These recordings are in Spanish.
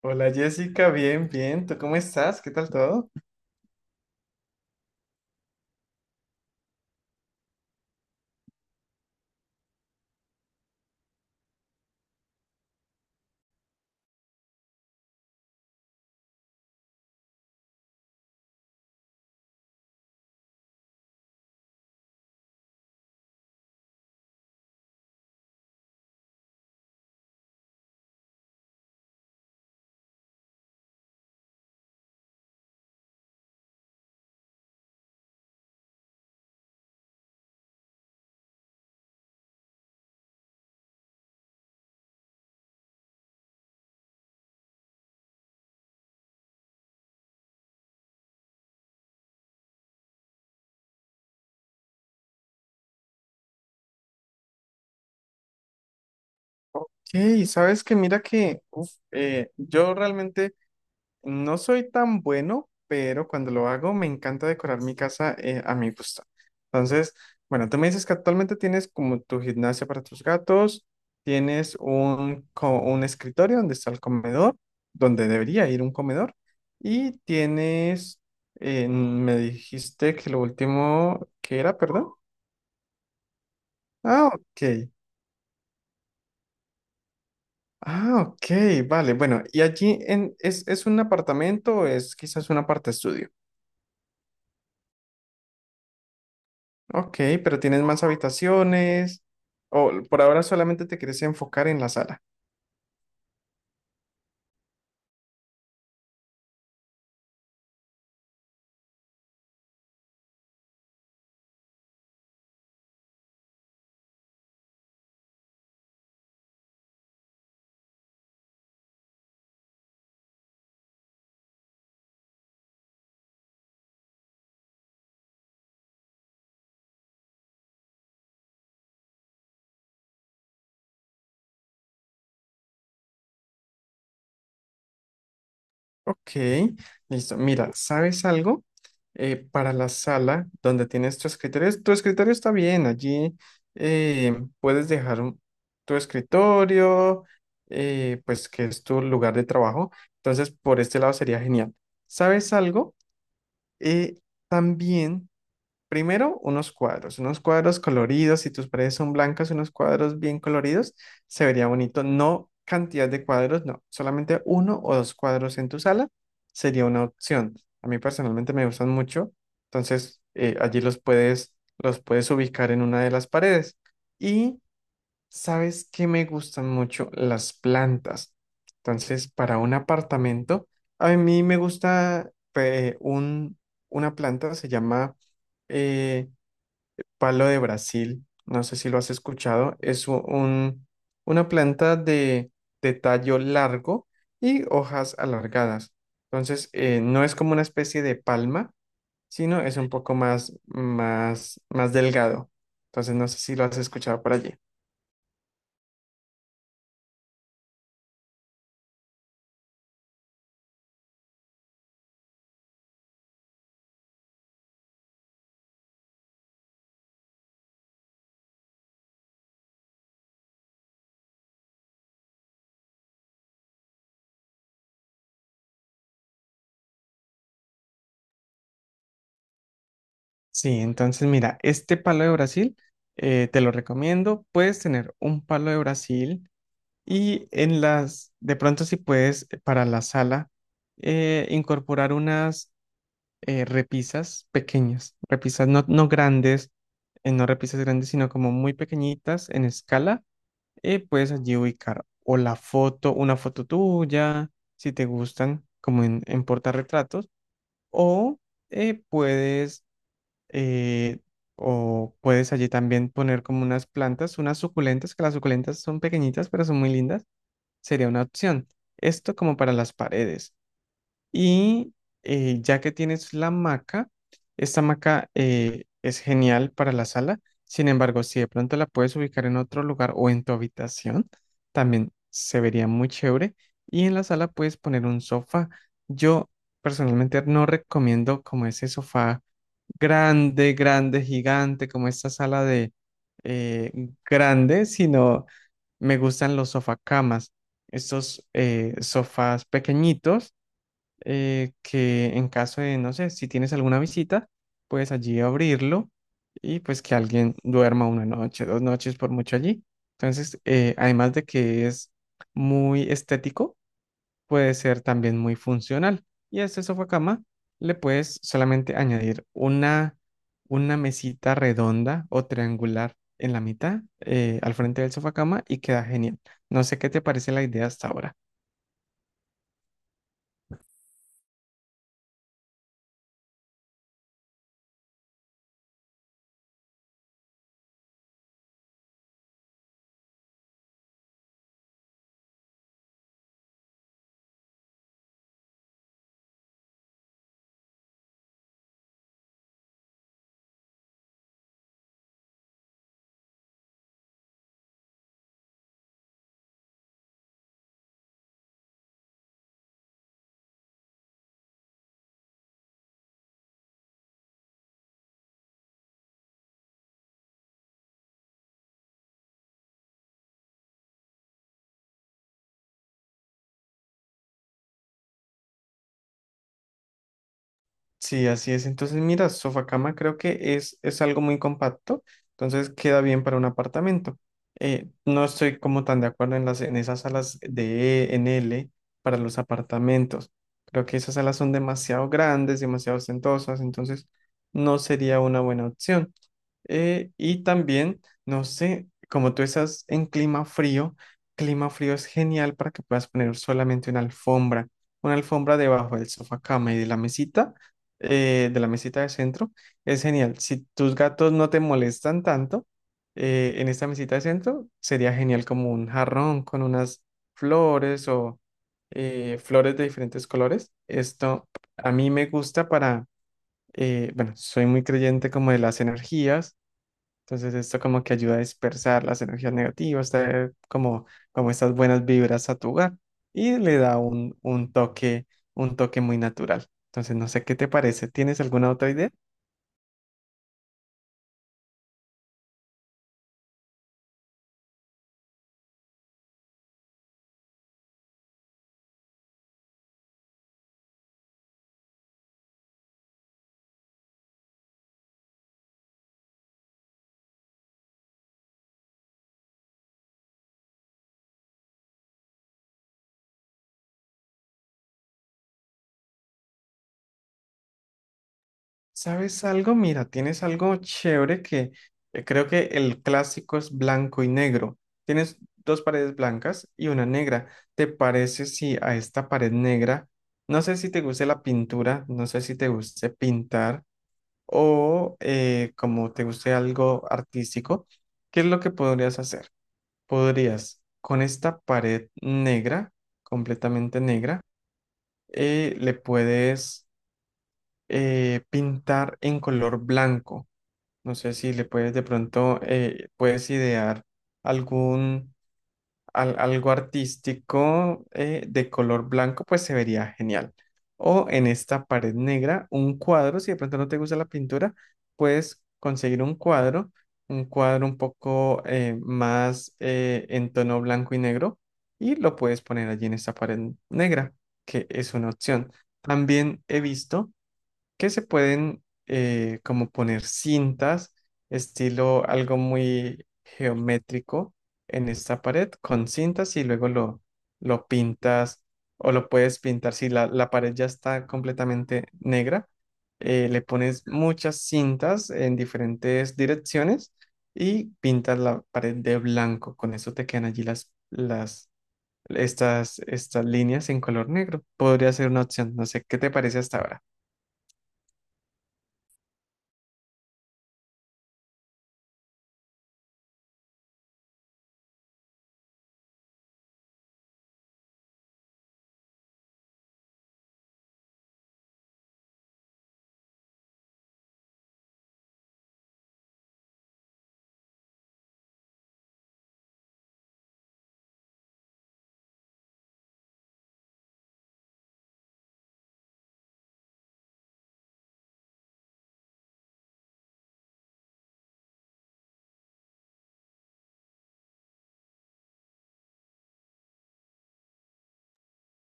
Hola Jessica, bien, bien. ¿Tú cómo estás? ¿Qué tal todo? Sí, sabes que mira que yo realmente no soy tan bueno, pero cuando lo hago me encanta decorar mi casa a mi gusto. Entonces, bueno, tú me dices que actualmente tienes como tu gimnasia para tus gatos, tienes un escritorio donde está el comedor, donde debería ir un comedor, y tienes, me dijiste que lo último que era, perdón. Ah, ok. Ah, ok, vale. Bueno, y allí es un apartamento o es quizás una parte estudio. Ok, pero tienes más habitaciones, o por ahora solamente te quieres enfocar en la sala. Ok, listo. Mira, ¿sabes algo? Para la sala donde tienes tu escritorio está bien. Allí eh, puedes dejar tu escritorio, pues que es tu lugar de trabajo. Entonces, por este lado sería genial. ¿Sabes algo? Eh, también Primero, unos cuadros coloridos. Si tus paredes son blancas, unos cuadros bien coloridos, se vería bonito. No cantidad de cuadros, no. Solamente uno o dos cuadros en tu sala sería una opción. A mí personalmente me gustan mucho. Entonces, allí los puedes ubicar en una de las paredes. Y sabes que me gustan mucho las plantas. Entonces, para un apartamento, a mí me gusta una planta, se llama eh, palo de Brasil. No sé si lo has escuchado. Es un, una planta de tallo largo y hojas alargadas. Entonces, no es como una especie de palma, sino es un poco más, más, más delgado. Entonces, no sé si lo has escuchado por allí. Sí, entonces mira, este palo de Brasil te lo recomiendo. Puedes tener un palo de Brasil y en las, de pronto si puedes para la sala incorporar unas repisas pequeñas, repisas no, no grandes, no repisas grandes, sino como muy pequeñitas en escala. Puedes allí ubicar o la foto, una foto tuya, si te gustan, como en portarretratos, o puedes eh, o puedes allí también poner como unas plantas, unas suculentas, que las suculentas son pequeñitas, pero son muy lindas. Sería una opción. Esto como para las paredes. Y ya que tienes la hamaca, esta hamaca es genial para la sala. Sin embargo, si de pronto la puedes ubicar en otro lugar o en tu habitación, también se vería muy chévere. Y en la sala puedes poner un sofá. Yo personalmente no recomiendo como ese sofá grande, grande, gigante, como esta sala de eh, grande, sino me gustan los sofacamas, estos sofás pequeñitos que en caso de, no sé, si tienes alguna visita, puedes allí abrirlo y pues que alguien duerma una noche, dos noches por mucho allí. Entonces, además de que es muy estético, puede ser también muy funcional. Y a este sofá cama le puedes solamente añadir una mesita redonda o triangular en la mitad, al frente del sofá cama y queda genial. No sé qué te parece la idea hasta ahora. Sí, así es. Entonces, mira, sofacama creo que es algo muy compacto, entonces queda bien para un apartamento. No estoy como tan de acuerdo en las, en esas salas de E, en L para los apartamentos. Creo que esas salas son demasiado grandes, demasiado ostentosas, entonces no sería una buena opción. Y también, no sé, como tú estás en clima frío es genial para que puedas poner solamente una alfombra debajo del sofá cama y de la mesita, de la mesita de centro, es genial. Si tus gatos no te molestan tanto, en esta mesita de centro, sería genial como un jarrón con unas flores o flores de diferentes colores. Esto a mí me gusta para, bueno, soy muy creyente como de las energías, entonces esto como que ayuda a dispersar las energías negativas, traer como, como estas buenas vibras a tu hogar y le da un toque muy natural. Entonces no sé qué te parece. ¿Tienes alguna otra idea? ¿Sabes algo? Mira, tienes algo chévere que creo que el clásico es blanco y negro. Tienes dos paredes blancas y una negra. ¿Te parece si a esta pared negra, no sé si te guste la pintura, no sé si te guste pintar? O como te guste algo artístico, ¿qué es lo que podrías hacer? Podrías con esta pared negra, completamente negra, le puedes pintar en color blanco. No sé si le puedes de pronto, puedes idear algún algo artístico de color blanco, pues se vería genial. O en esta pared negra, un cuadro, si de pronto no te gusta la pintura, puedes conseguir un cuadro, un cuadro un poco más en tono blanco y negro, y lo puedes poner allí en esta pared negra, que es una opción. También he visto que se pueden como poner cintas, estilo algo muy geométrico en esta pared con cintas y luego lo pintas o lo puedes pintar si la pared ya está completamente negra. Le pones muchas cintas en diferentes direcciones y pintas la pared de blanco. Con eso te quedan allí estas, estas líneas en color negro. Podría ser una opción. No sé, ¿qué te parece hasta ahora?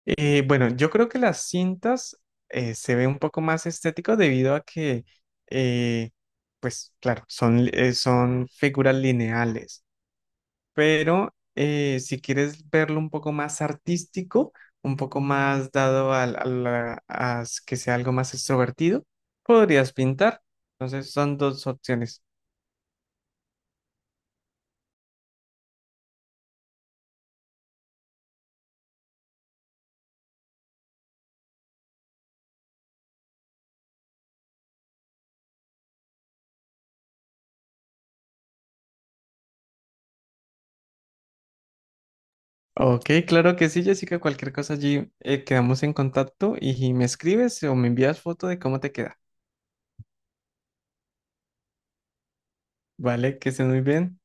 Bueno, yo creo que las cintas se ve un poco más estético debido a que, eh, pues claro, son, son figuras lineales, pero si quieres verlo un poco más artístico, un poco más dado al- a, la- a s- que sea algo más extrovertido, podrías pintar. Entonces son dos opciones. Ok, claro que sí, Jessica, cualquier cosa allí quedamos en contacto y me escribes o me envías foto de cómo te queda. Vale, que estés muy bien.